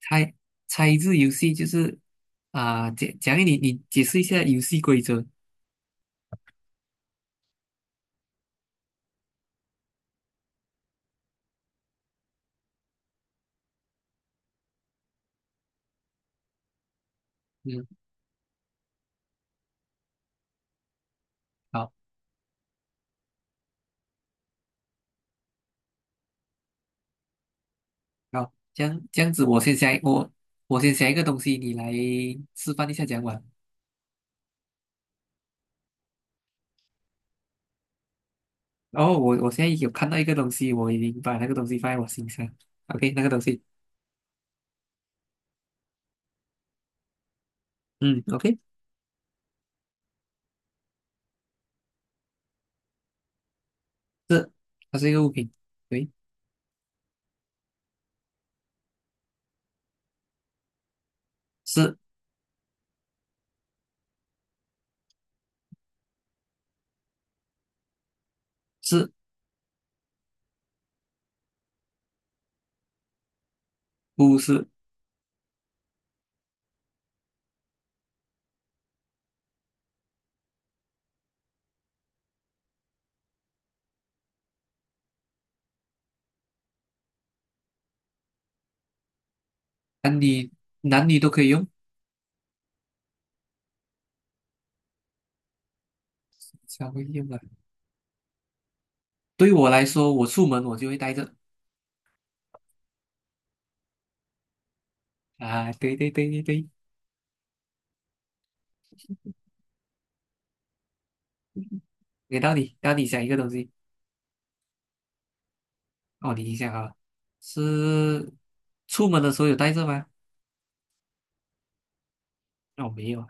猜猜字游戏就是讲你解释一下游戏规则。嗯，好，好，这样子，我先想一个东西，你来示范一下讲完。然后我现在有看到一个东西，我已经把那个东西放在我心上。OK,那个东西，嗯，OK,是它是一个物品，对，是是不是？男女男女都可以用，稍微用啊。对我来说，我出门我就会带着。啊，对对对对对，给到你，到你想一个东西。哦，你一下啊，是出门的时候有带着吗？哦，没有，啊。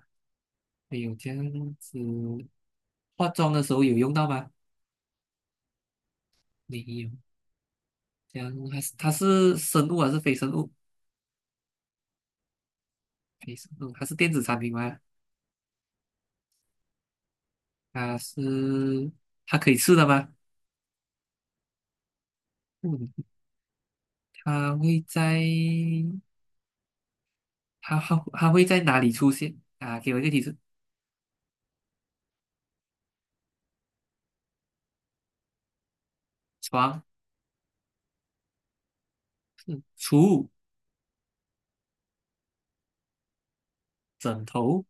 没有这样子。化妆的时候有用到吗？没有。这样还是它是生物还是非生物？非生物，它是电子产品吗？它是它可以吃的吗？嗯，它会在它会在哪里出现？啊，给我一个提示：床、储物、枕头、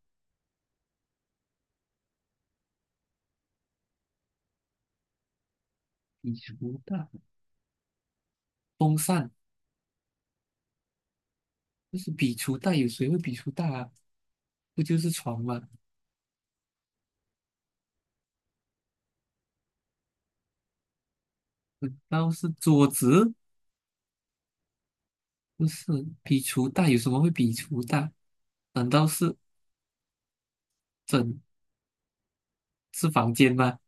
笔橱袋、风扇。就是笔橱袋，有谁会笔橱袋啊？不就是床吗？难道是桌子？不是，比厨大有什么会比厨大？难道整是房间吗？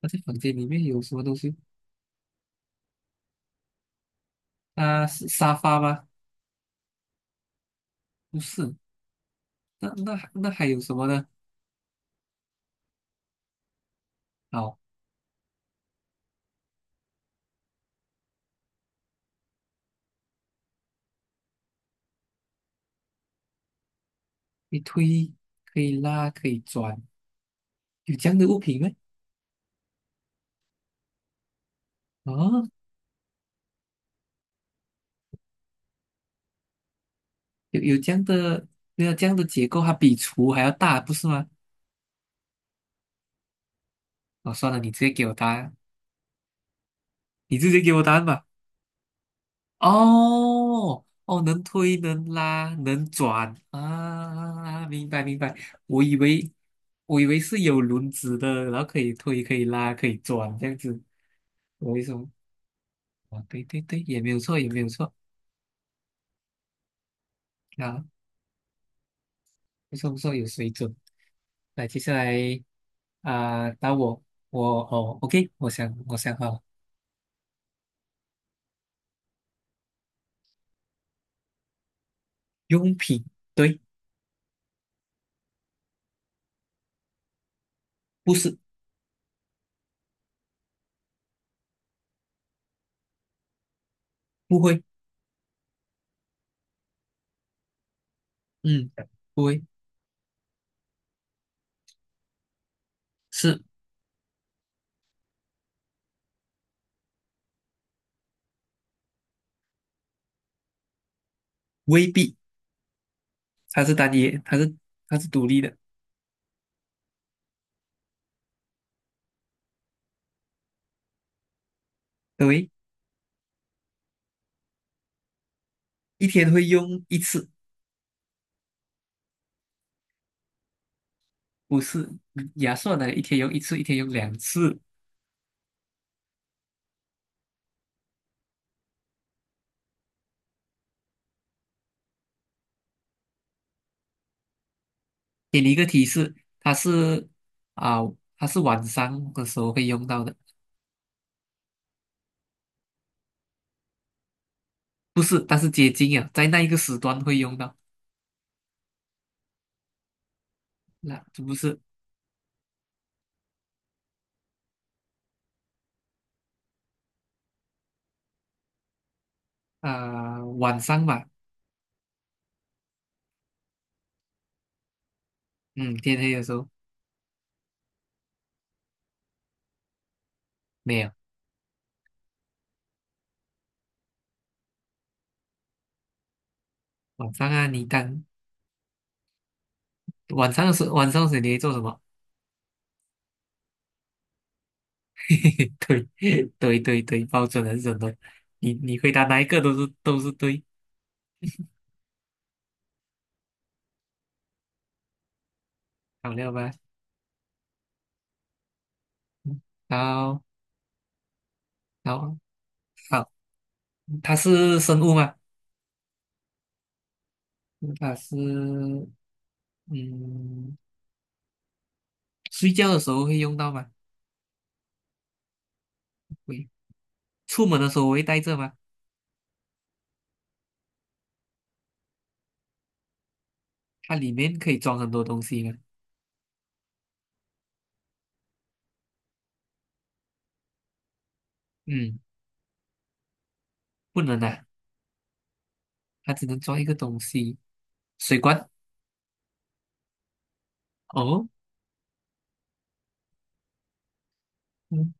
那在房间里面有什么东西？啊，是沙发吗？不是，那还有什么呢？好，可以推，可以拉，可以转，有这样的物品吗？哦，有这样的，没有这样的结构，它比厨还要大，不是吗？哦，算了，你直接给我答案吧。哦哦，能推能拉能转啊，明白明白。我以为我以为是有轮子的，然后可以推可以拉可以转这样子。我为什么？啊，对对对，也没有错也没有错。啊，不错不错，有水准。来，接下来啊，打我哦，OK,我想好了，用品对，不是，不会，嗯，不会是未必，它是它是独立的，对。一天会用一次，不是。牙刷呢，一天用一次，一天用两次。给你一个提示，它是啊，它是晚上的时候会用到的，不是，但是接近啊，在那一个时段会用到。那这不是啊，晚上吧？嗯，天黑的时候没有。晚上啊，晚上的时候，晚上的时候你会做什么？对对对对，包准了是的。你回答哪一个都是对，好了吧？嗯，好，好，好。它是生物吗？它是嗯，睡觉的时候会用到吗？会，出门的时候我会带着吗？它里面可以装很多东西吗？嗯，不能啊，它只能装一个东西，水罐。哦，嗯，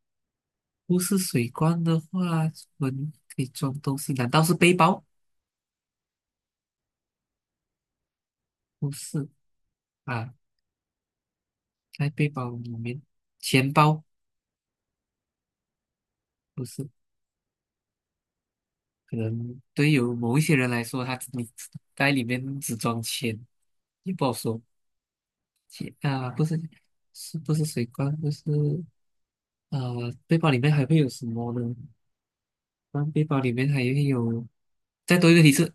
不是水罐的话，我们可以装东西，难道是背包？不是。啊，在背包里面，钱包不是，可能对有某一些人来说，他只你在里面只装钱，也不好说。铁啊，不是，是不是水罐？背包里面还会有什么呢？那背包里面还会有，再多一个提示，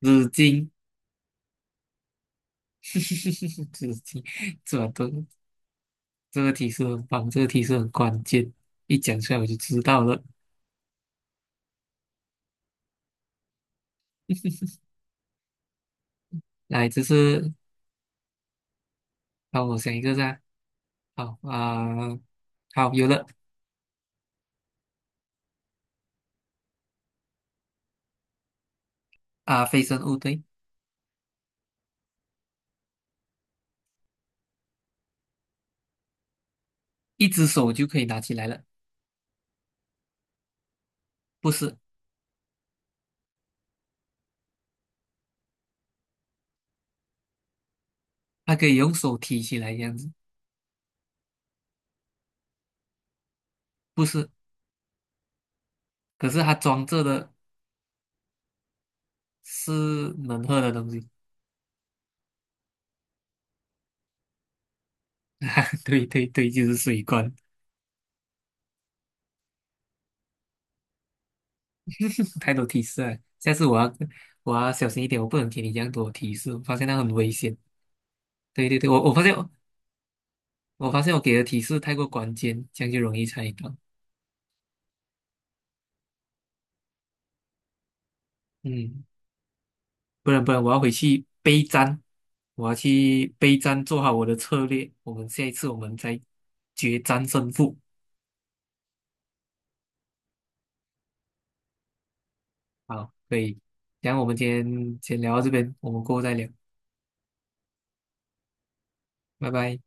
纸巾。纸巾，这都这个提示很棒，这个提示很关键，一讲出来我就知道了。来，帮我想一个噻，好啊、好，有了。非生物对，一只手就可以拿起来了，不是，它可以用手提起来这样子，不是，可是它装着的是能喝的东西。对对对，就是水罐，太多提示了。下次我要小心一点，我不能给你这样多提示，我发现那很危险。对对对，我我发现我给的提示太过关键，这样就容易猜到。嗯，不然不然，我要回去备战，我要去备战，做好我的策略。我们下一次我们再决战胜负。好，可以。然后我们今天先聊到这边，我们过后再聊，拜拜。